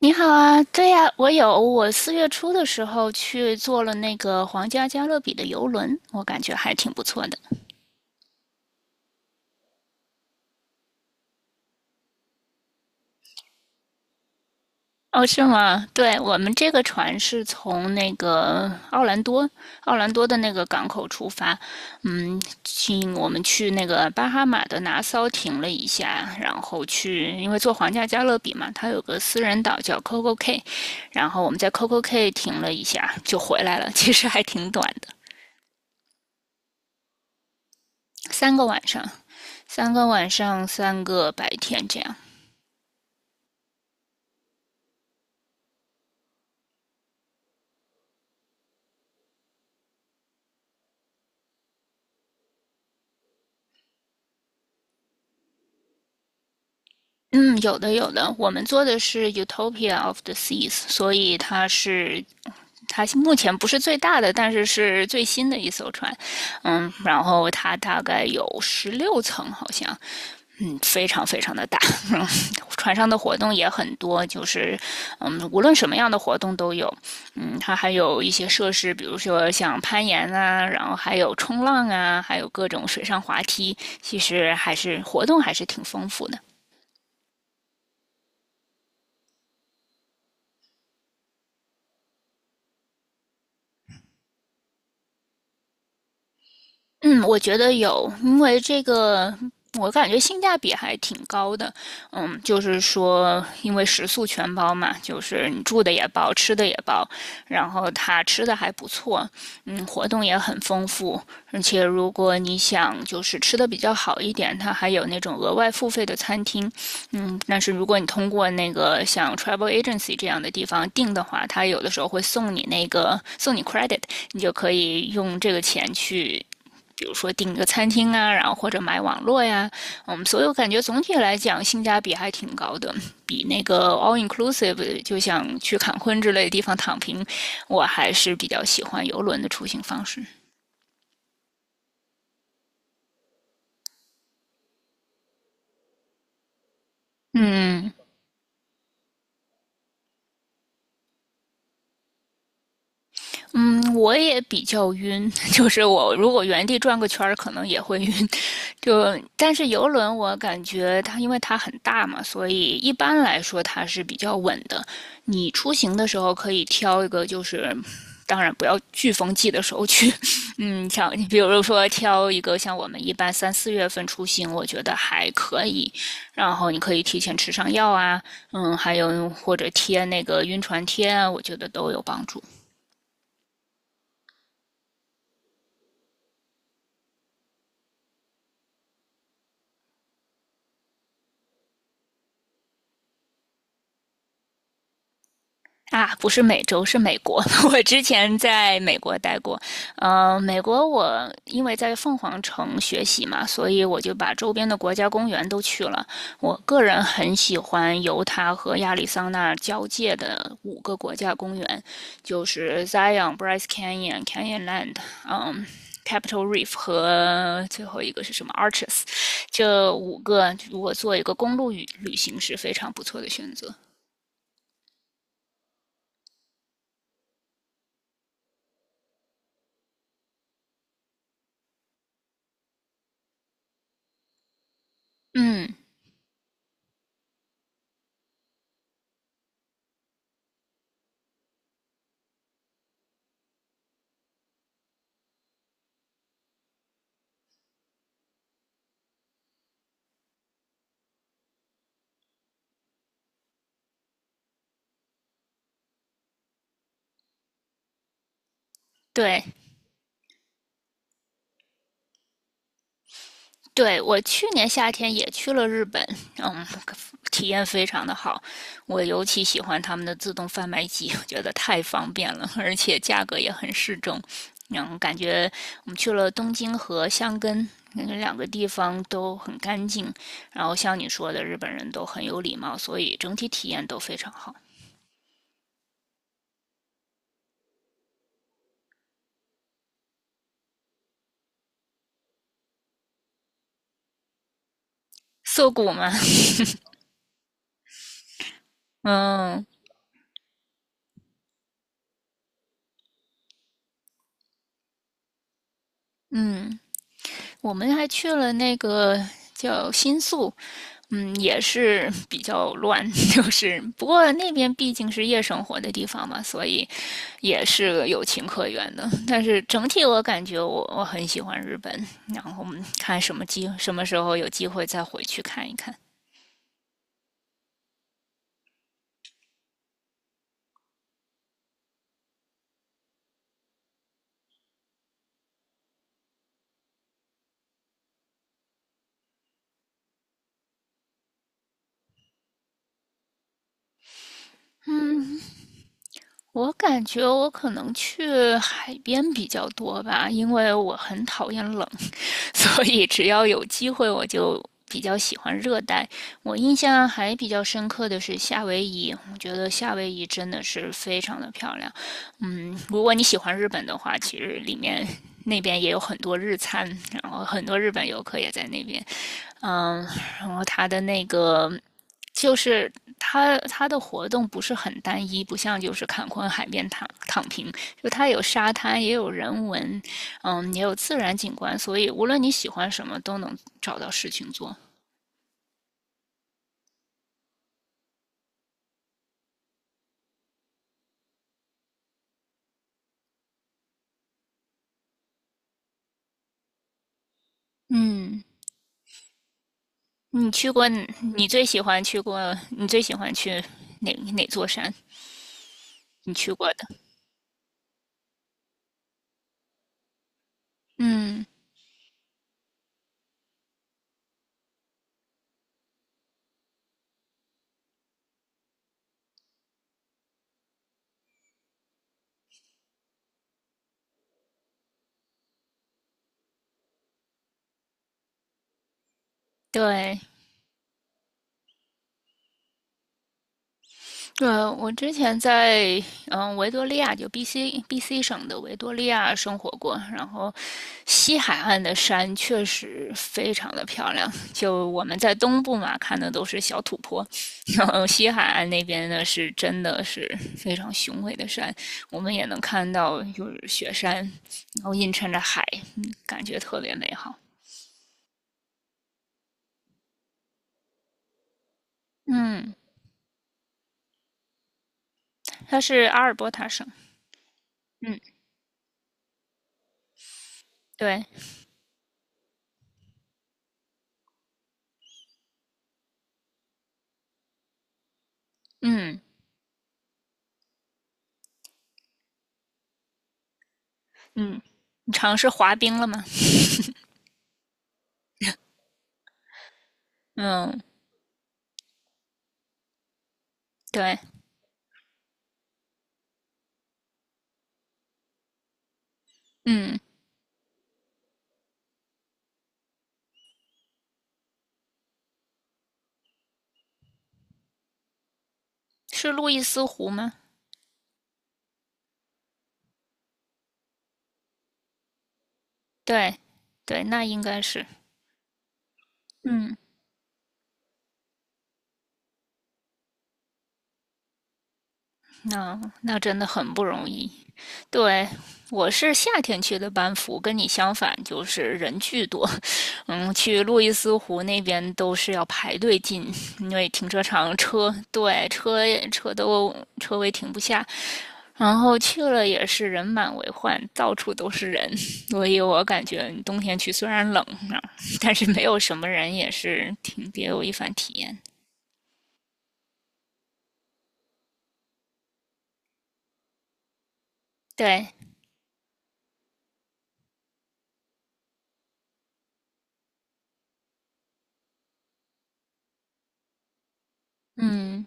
你好啊，对呀，我有，我4月初的时候去坐了那个皇家加勒比的游轮，我感觉还挺不错的。哦，是吗？对，我们这个船是从那个奥兰多的那个港口出发，我们去那个巴哈马的拿骚停了一下，然后去，因为坐皇家加勒比嘛，它有个私人岛叫 Coco Cay，然后我们在 Coco Cay 停了一下就回来了，其实还挺短的，三个晚上。三个晚上，三个白天这样。嗯，有的有的，我们做的是 Utopia of the Seas，所以它目前不是最大的，但是是最新的一艘船。然后它大概有16层，好像，非常非常的大。船上的活动也很多，就是无论什么样的活动都有。它还有一些设施，比如说像攀岩啊，然后还有冲浪啊，还有各种水上滑梯，其实活动还是挺丰富的。嗯，我觉得有，因为这个我感觉性价比还挺高的。就是说，因为食宿全包嘛，就是你住的也包，吃的也包，然后它吃的还不错，活动也很丰富，而且如果你想就是吃的比较好一点，它还有那种额外付费的餐厅。但是如果你通过那个像 travel agency 这样的地方订的话，它有的时候会送你 credit，你就可以用这个钱去比如说订个餐厅啊，然后或者买网络呀，所以我感觉总体来讲性价比还挺高的，比那个 all inclusive 就像去坎昆之类的地方躺平，我还是比较喜欢游轮的出行方式。嗯，嗯，我也比较晕，就是我如果原地转个圈儿，可能也会晕。但是游轮，我感觉它因为它很大嘛，所以一般来说它是比较稳的。你出行的时候可以挑一个，就是当然不要飓风季的时候去。像你比如说挑一个像我们一般三四月份出行，我觉得还可以。然后你可以提前吃上药啊，还有或者贴那个晕船贴啊，我觉得都有帮助。啊，不是美洲，是美国。我之前在美国待过，美国我因为在凤凰城学习嘛，所以我就把周边的国家公园都去了。我个人很喜欢犹他和亚利桑那交界的五个国家公园，就是 Zion、Bryce Canyon、Canyonland，嗯。Capitol Reef 和最后一个是什么？Arches，这五个如果做一个公路旅行是非常不错的选择。嗯，对，对，我去年夏天也去了日本，嗯，体验非常的好。我尤其喜欢他们的自动贩卖机，我觉得太方便了，而且价格也很适中。感觉我们去了东京和箱根，那两个地方都很干净。然后像你说的，日本人都很有礼貌，所以整体体验都非常好。涩谷嘛，嗯嗯。我们还去了那个叫新宿，也是 比较乱，就是不过那边毕竟是夜生活的地方嘛，所以也是有情可原的。但是整体我感觉我很喜欢日本，然后我们看什么机什么时候有机会再回去看一看。我感觉我可能去海边比较多吧，因为我很讨厌冷，所以只要有机会，我就比较喜欢热带。我印象还比较深刻的是夏威夷，我觉得夏威夷真的是非常的漂亮。如果你喜欢日本的话，其实那边也有很多日餐，然后很多日本游客也在那边。嗯，然后它的那个就是它它的活动不是很单一，不像就是坎昆海边躺平，就它有沙滩，也有人文，也有自然景观，所以无论你喜欢什么，都能找到事情做。嗯，你去过，你最喜欢去过，你最喜欢去哪座山？你去过的？嗯，对，对，我之前在维多利亚，就 B.C. 省的维多利亚生活过，然后西海岸的山确实非常的漂亮。就我们在东部嘛，看的都是小土坡，然后西海岸那边呢真的是非常雄伟的山，我们也能看到就是雪山，然后映衬着海，感觉特别美好。嗯，它是阿尔伯塔省。嗯，对，嗯嗯，你尝试滑冰了吗？嗯。对，嗯，是路易斯湖吗？对，对，那应该是，嗯，那真的很不容易。对，我是夏天去的班夫，跟你相反，就是人巨多。去路易斯湖那边都是要排队进，因为停车场，对，车位停不下。然后去了也是人满为患，到处都是人，所以我感觉冬天去虽然冷啊但是没有什么人也是挺别有一番体验。对，嗯，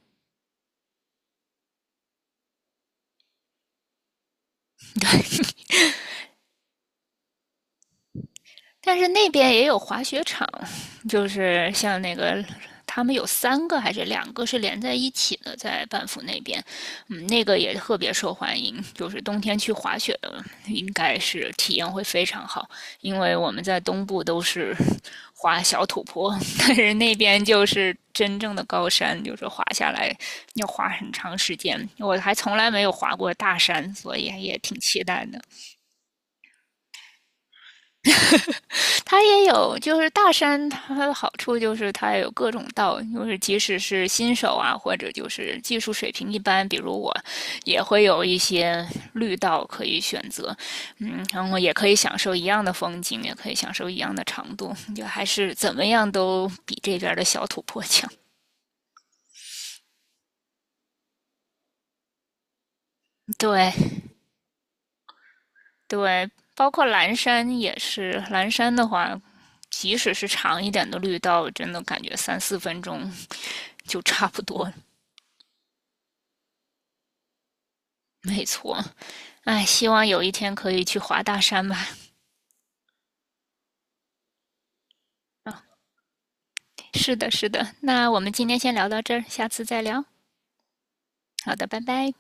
对，但是那边也有滑雪场，就是像那个他们有三个还是两个是连在一起的，在班夫那边，那个也特别受欢迎，就是冬天去滑雪的应该是体验会非常好，因为我们在东部都是 滑小土坡，但是那边就是真正的高山，就是滑下来要滑很长时间，我还从来没有滑过大山，所以也挺期待的。它也有，就是大山它的好处就是它有各种道，就是即使是新手啊，或者就是技术水平一般，比如我，也会有一些绿道可以选择，然后也可以享受一样的风景，也可以享受一样的长度，就还是怎么样都比这边的小土坡强。对对，包括蓝山也是，蓝山的话，即使是长一点的绿道，真的感觉三四分钟就差不多没错，哎，希望有一天可以去滑大山吧。啊，哦是的，是的。那我们今天先聊到这儿，下次再聊。好的，拜拜。